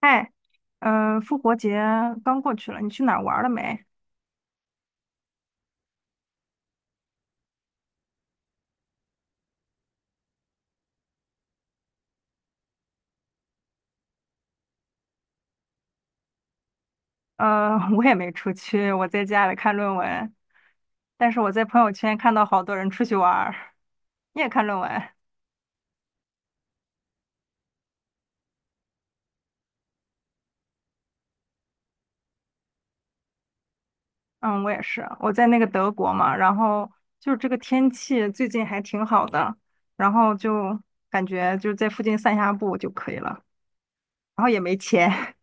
嗨，复活节刚过去了，你去哪儿玩了没？我也没出去，我在家里看论文。但是我在朋友圈看到好多人出去玩儿，你也看论文？嗯，我也是，我在那个德国嘛，然后就是这个天气最近还挺好的，然后就感觉就在附近散下步就可以了，然后也没钱。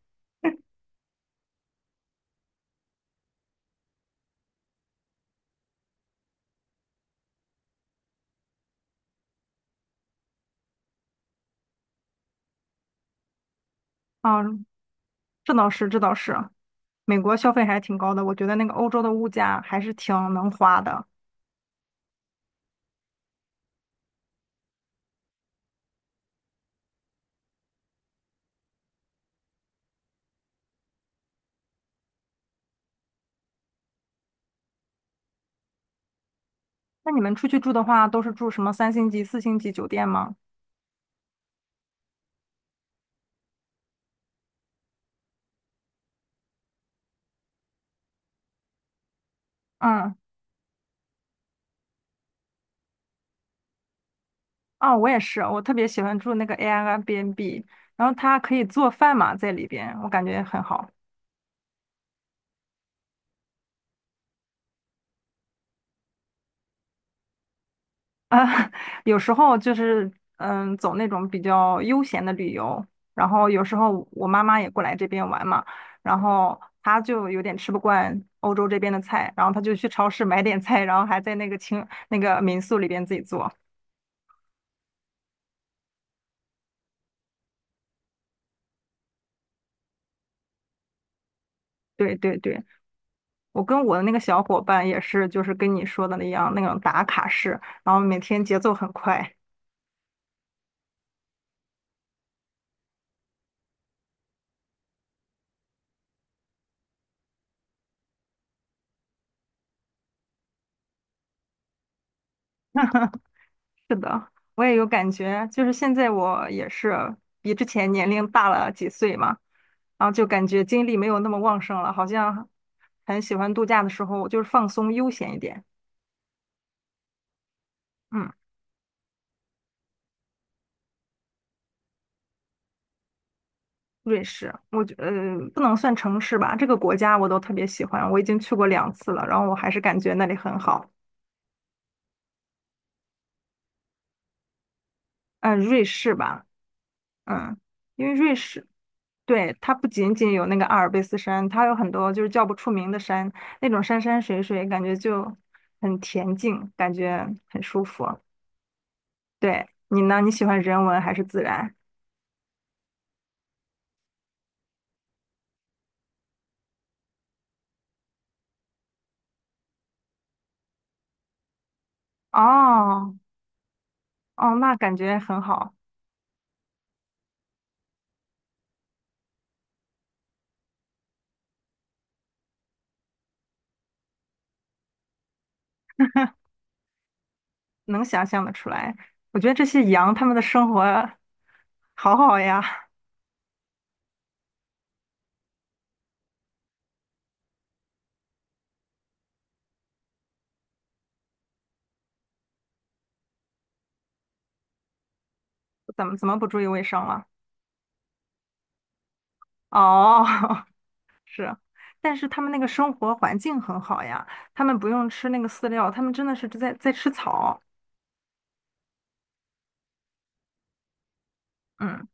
嗯，这倒是，这倒是，美国消费还挺高的，我觉得那个欧洲的物价还是挺能花的。那你们出去住的话，都是住什么三星级、四星级酒店吗？嗯，哦，我也是，我特别喜欢住那个 Airbnb，然后它可以做饭嘛，在里边，我感觉很好啊。有时候就是嗯，走那种比较悠闲的旅游，然后有时候我妈妈也过来这边玩嘛，然后她就有点吃不惯欧洲这边的菜，然后她就去超市买点菜，然后还在那个清那个民宿里边自己做。对对对。我跟我的那个小伙伴也是，就是跟你说的那样，那种打卡式，然后每天节奏很快。是的，我也有感觉，就是现在我也是比之前年龄大了几岁嘛，然后就感觉精力没有那么旺盛了，好像很喜欢度假的时候就是放松悠闲一点。嗯，瑞士，我觉不能算城市吧，这个国家我都特别喜欢，我已经去过两次了，然后我还是感觉那里很好。嗯，瑞士吧。嗯，因为瑞士，对，它不仅仅有那个阿尔卑斯山，它有很多就是叫不出名的山，那种山山水水，感觉就很恬静，感觉很舒服。对，你呢？你喜欢人文还是自然？哦哦，那感觉很好，能想象得出来。我觉得这些羊它们的生活好好呀，怎么怎么不注意卫生了？哦，是，但是他们那个生活环境很好呀，他们不用吃那个饲料，他们真的是在吃草。嗯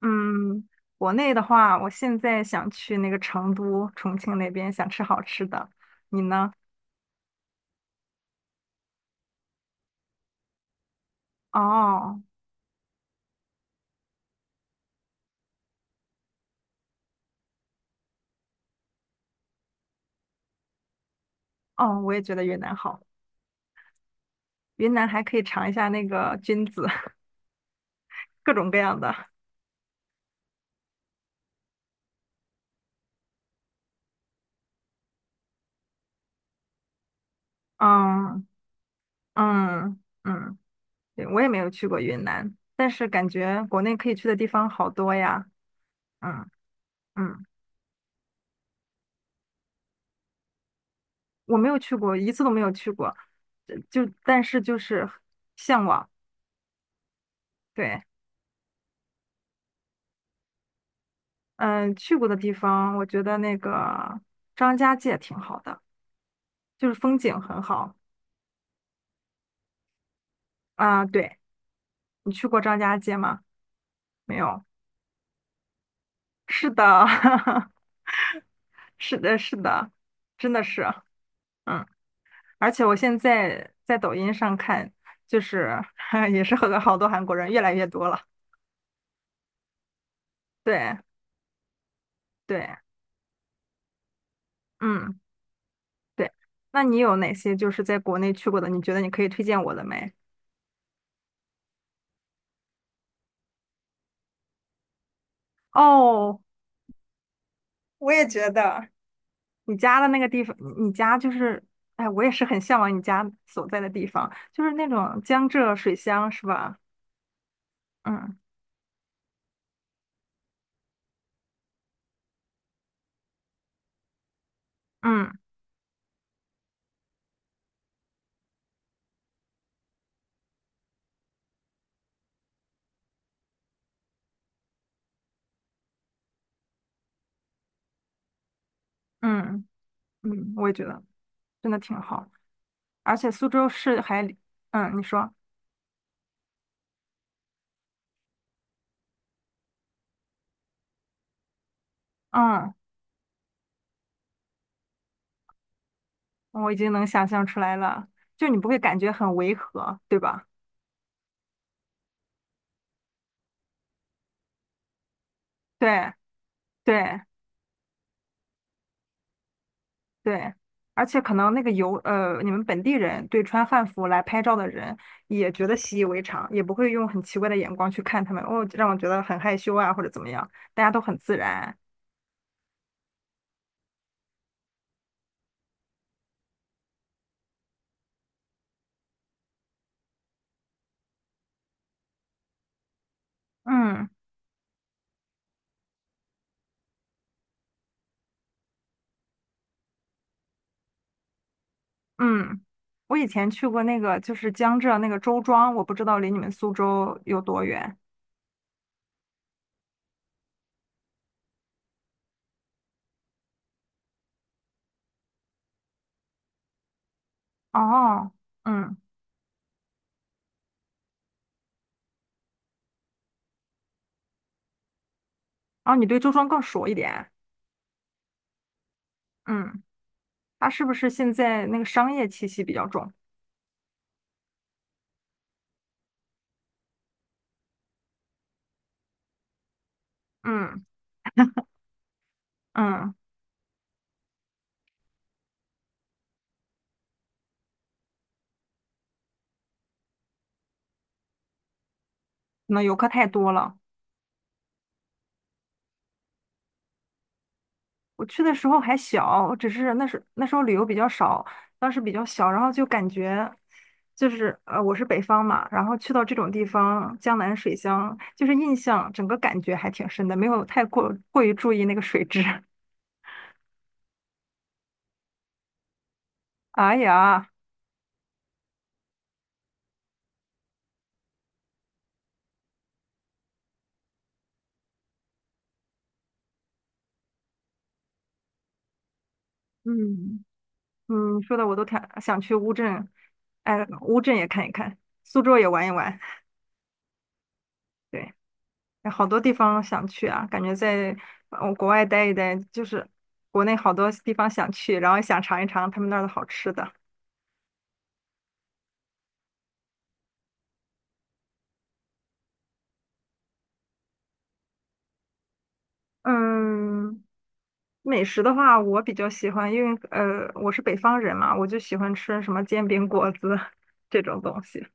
嗯，国内的话，我现在想去那个成都、重庆那边，想吃好吃的。你呢？哦哦，我也觉得云南好，云南还可以尝一下那个菌子，各种各样的。嗯嗯嗯，对，我也没有去过云南，但是感觉国内可以去的地方好多呀。嗯嗯。我没有去过，一次都没有去过，就是向往。对，嗯，去过的地方，我觉得那个张家界挺好的，就是风景很好啊。对，你去过张家界吗？没有。是的，是的，是的，真的是，嗯。而且我现在在抖音上看，就是 也是和好多韩国人越来越多了。对，对，嗯。对，那你有哪些就是在国内去过的？你觉得你可以推荐我的没？哦，我也觉得你家的那个地方，你家就是，哎，我也是很向往你家所在的地方，就是那种江浙水乡，是吧？嗯嗯嗯嗯，我也觉得真的挺好，而且苏州市还离嗯，你说，嗯，我已经能想象出来了，就你不会感觉很违和，对吧？对对。对，而且可能那个游呃，你们本地人对穿汉服来拍照的人也觉得习以为常，也不会用很奇怪的眼光去看他们，哦，让我觉得很害羞啊，或者怎么样，大家都很自然。嗯嗯，我以前去过那个就是江浙那个周庄，我不知道离你们苏州有多远。哦，嗯，哦，你对周庄更熟一点。嗯，它是不是现在那个商业气息比较重？嗯嗯，可能游客太多了。我去的时候还小，只是那时候旅游比较少，当时比较小，然后就感觉就是，我是北方嘛，然后去到这种地方，江南水乡，就是印象整个感觉还挺深的，没有过于注意那个水质。哎呀，嗯，嗯，说的我都挺想去乌镇，哎，乌镇也看一看，苏州也玩一玩。对。好多地方想去啊，感觉在国外待一待，就是国内好多地方想去，然后也想尝一尝他们那儿的好吃的。嗯，美食的话，我比较喜欢，因为我是北方人嘛，我就喜欢吃什么煎饼果子 这种东西，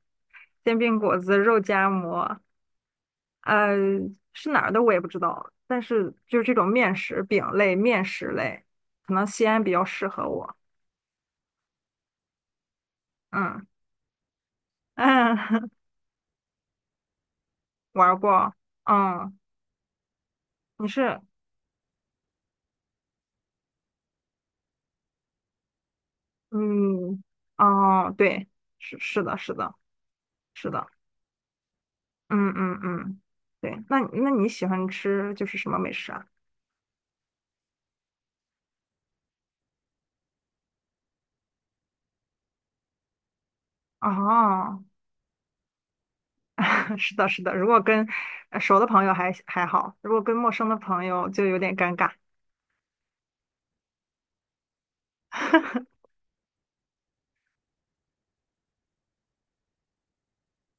煎饼果子、肉夹馍，呃是哪儿的我也不知道，但是就是这种面食、饼类、面食类，可能西安比较适合我。嗯嗯，玩儿过，嗯。你是嗯，哦，对，是是的，是的，是的，嗯嗯嗯，对，那那你喜欢吃就是什么美食啊？哦，是的，是的，如果跟熟的朋友还好，如果跟陌生的朋友就有点尴尬。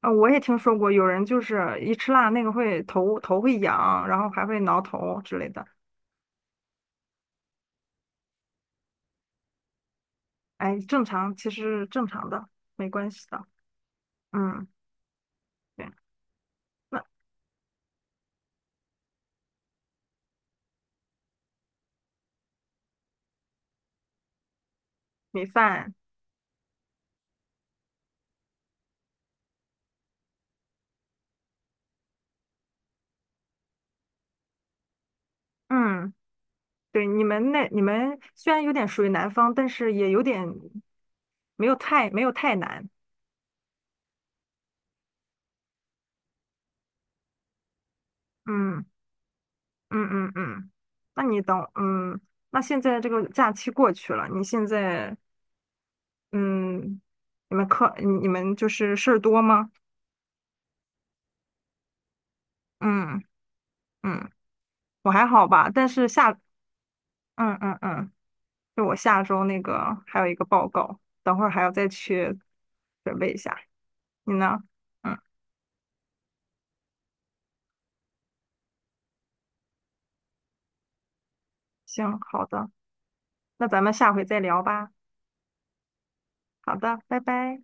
啊，我也听说过有人就是一吃辣那个会头会痒，然后还会挠头之类的。哎，正常，其实正常的，没关系的。嗯，对，那米饭，嗯。对，你们那你们虽然有点属于南方，但是也有点没有太难。嗯嗯嗯嗯，那你等嗯，那现在这个假期过去了，你现在嗯，你们就是事儿多吗？嗯嗯，我还好吧，但是下嗯嗯嗯，就我下周那个还有一个报告，等会儿还要再去准备一下。你呢？嗯，行，好的，那咱们下回再聊吧。好的，拜拜。